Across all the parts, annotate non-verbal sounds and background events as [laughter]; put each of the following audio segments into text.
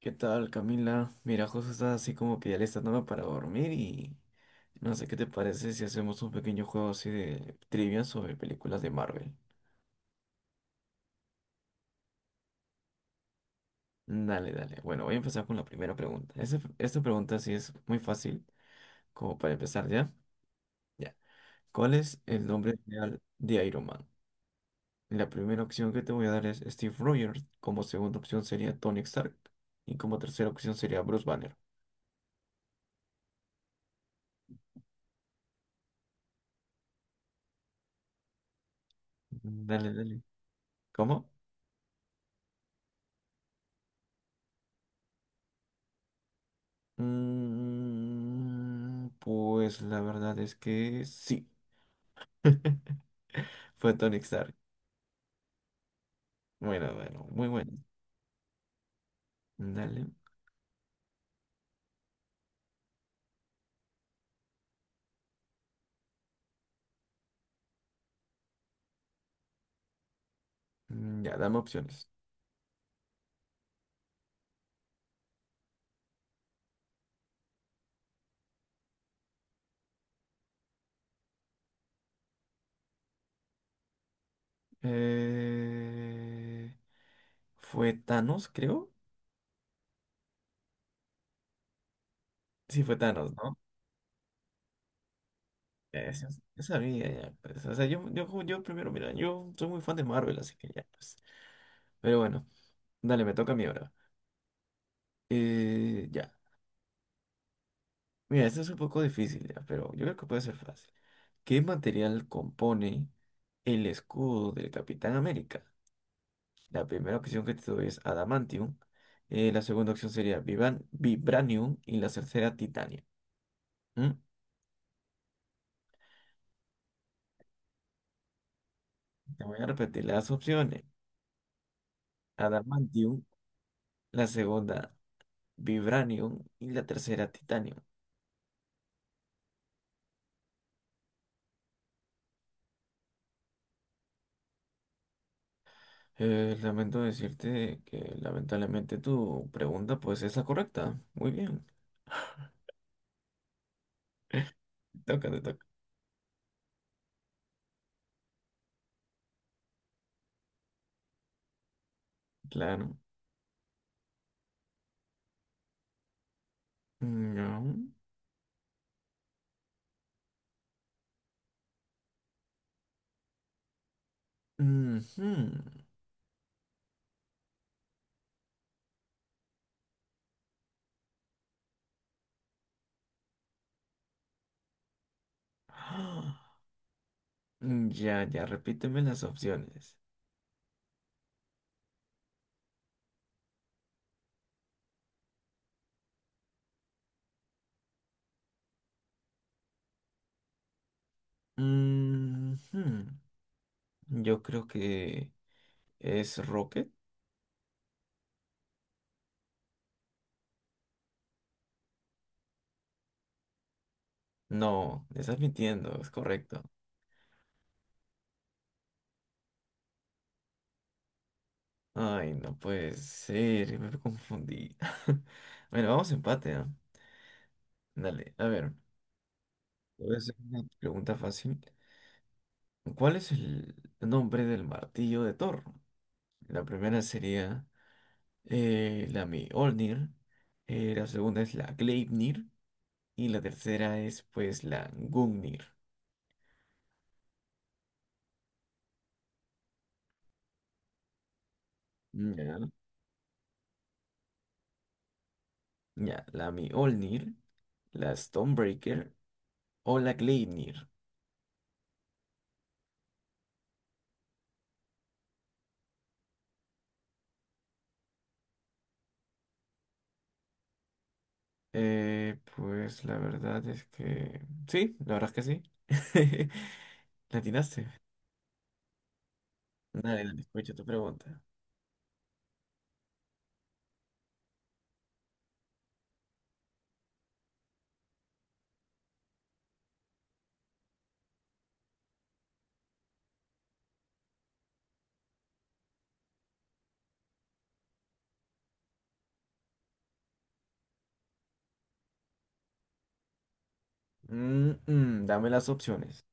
¿Qué tal, Camila? Mira, José está así como que ya está dando para dormir y no sé qué te parece si hacemos un pequeño juego así de trivia sobre películas de Marvel. Dale, dale. Bueno, voy a empezar con la primera pregunta. Esta pregunta sí es muy fácil, como para empezar ya. Ya. ¿Cuál es el nombre real de Iron Man? La primera opción que te voy a dar es Steve Rogers, como segunda opción sería Tony Stark y como tercera opción sería Bruce Banner. Dale, dale. ¿Cómo? Mm, pues la verdad es que sí. [laughs] Fue Tony Stark. Bueno, bueno, muy bueno. Dale. Mm, ya, dame opciones. Eh, Fue Thanos, creo. Sí, fue Thanos, ¿no? Eso, esa sabía ya, pues. O sea, yo primero, mira, yo soy muy fan de Marvel, así que ya, pues. Pero bueno, dale, me toca a mí ahora. Ya. Mira, esto es un poco difícil ya, pero yo creo que puede ser fácil. ¿Qué material compone el escudo del Capitán América? La primera opción que te doy es adamantium, la segunda opción sería vibranium y la tercera titanio. ¿Mm? Te voy a repetir las opciones. Adamantium, la segunda vibranium y la tercera titanio. Lamento decirte que lamentablemente tu pregunta pues es la correcta. Muy bien, toca, te toca. Claro. Mm, no. Ujú. Ah, ya, ya, repíteme las opciones. Ujú. Yo creo que es Rocket. No, me estás mintiendo, es correcto. Ay, no puede ser, me confundí. [laughs] Bueno, vamos a empate, ¿ah? Dale, a ver. Te voy a hacer una pregunta fácil. ¿Cuál es el nombre del martillo de Thor? La primera sería la Mjolnir. La segunda es la Gleipnir. Y la tercera es pues la Gungnir. Ya. Ya, la Mjolnir, la Stonebreaker o la Gleipnir. Pues la verdad es que... Sí, la verdad es que sí. [laughs] La atinaste. Dale, dale, escucho tu pregunta. Dame las opciones.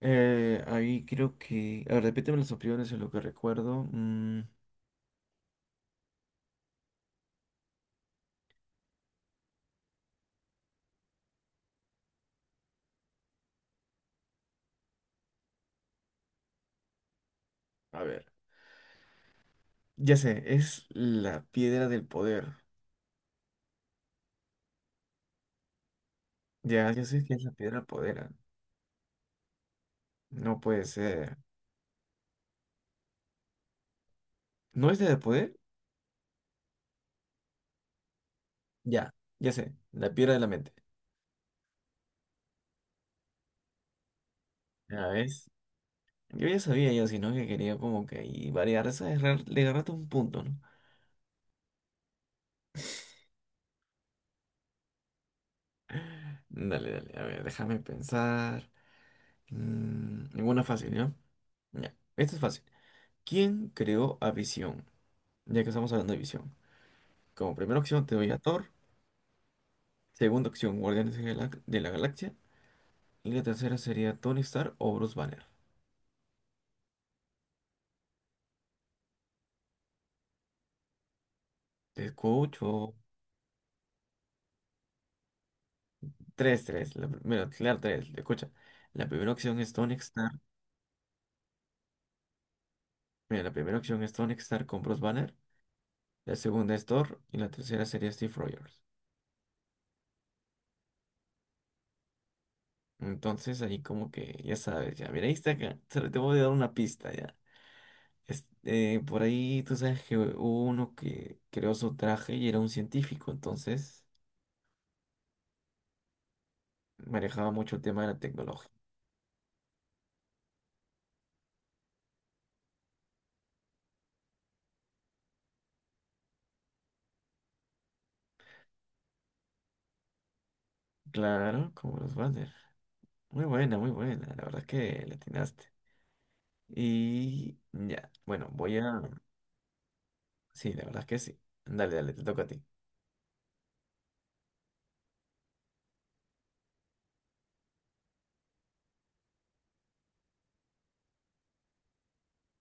Ahí creo que... A ver, repíteme las opciones en lo que recuerdo. Mm, a ver. Ya sé, es la piedra del poder. Ya, ya sé que es la piedra del poder. No puede ser. ¿No es la del poder? Ya, ya sé, la piedra de la mente. ¿Ya ves? Yo ya sabía yo, sino que quería como que ahí variar, le agarraste un punto, ¿no? [laughs] Dale, dale, a ver, déjame pensar. Mm, ninguna fácil, ¿no? Ya, esto es fácil. ¿Quién creó a Visión? Ya que estamos hablando de Visión. Como primera opción te doy a Thor, segunda opción Guardianes de la Galaxia y la tercera sería Tony Stark o Bruce Banner. Te escucho. Tres, tres. Mira, claro, tres. Escucha. La primera opción es Tony Stark. Mira, la primera opción es Tony Stark con Bruce Banner. La segunda es Thor. Y la tercera sería Steve Rogers. Entonces ahí como que, ya sabes, ya. Mira, ahí está acá. Solo te voy a dar una pista ya. Por ahí tú sabes que hubo uno que creó su traje y era un científico. Entonces manejaba mucho el tema de la tecnología. Claro, como los Banner. Muy buena, muy buena. La verdad es que le atinaste. Y ya, bueno, voy a... Sí, la verdad es que sí. Dale, dale, te toca a ti.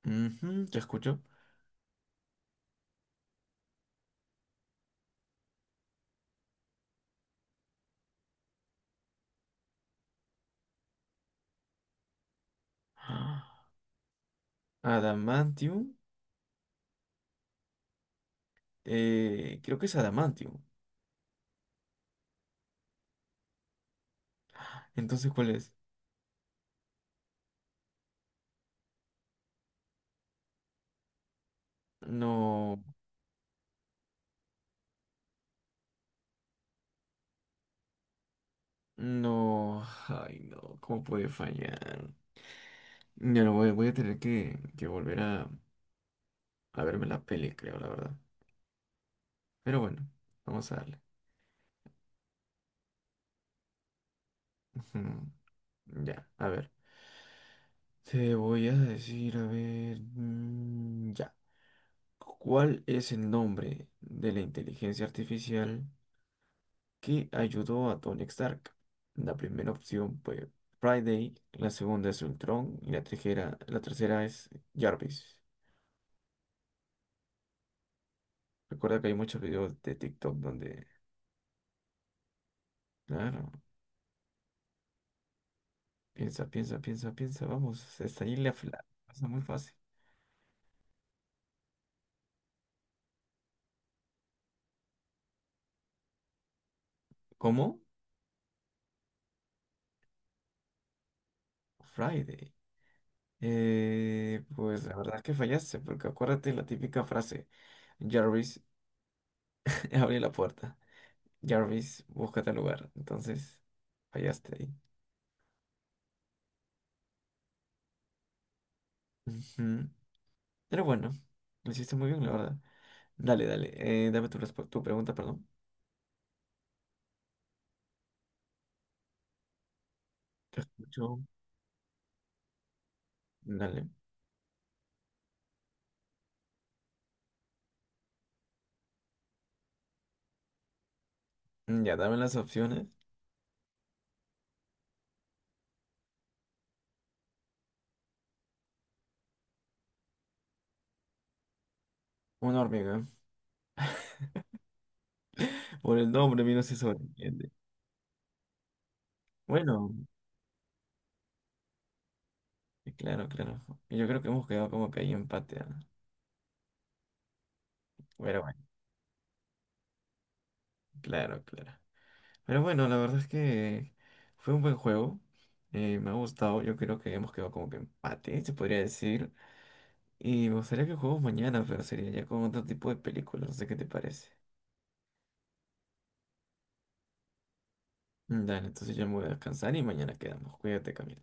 Ujú, te escucho. Ah, adamantium. Creo que es Adamantium. Entonces, ¿cuál es? No, no. Ay, no. ¿Cómo puede fallar? Ya no voy, voy a tener que volver a verme la peli, creo, la verdad. Pero bueno, vamos a darle. Ujú. Ya, a ver. Te voy a decir, a ver. Mm, ya. ¿Cuál es el nombre de la inteligencia artificial que ayudó a Tony Stark? La primera opción fue Friday, la segunda es Ultron y la tercera es Jarvis. Recuerda que hay muchos videos de TikTok donde, claro, piensa, vamos, está ahí pasa muy fácil. ¿Cómo? Friday. Pues la verdad es que fallaste, porque acuérdate la típica frase, Jarvis, [laughs] abre la puerta. Jarvis, búscate al lugar. Entonces, fallaste ahí. Ujú. Pero bueno, lo hiciste muy bien, la verdad. Dale, dale. Dame tu pregunta, perdón. Te escucho. Dale. Mm, ya, dame las opciones. Una hormiga. Por el nombre, vino se sobreentiende. Bueno, claro, claro. Yo creo que hemos quedado como que ahí empate. ¿Ah? Pero bueno, claro, claro. Pero bueno, la verdad es que fue un buen juego. Me ha gustado. Yo creo que hemos quedado como que empate, se podría decir. Y me gustaría que juguemos mañana, pero sería ya con otro tipo de películas. No sé qué te parece. Dale, entonces ya me voy a descansar y mañana quedamos. Cuídate, Camila.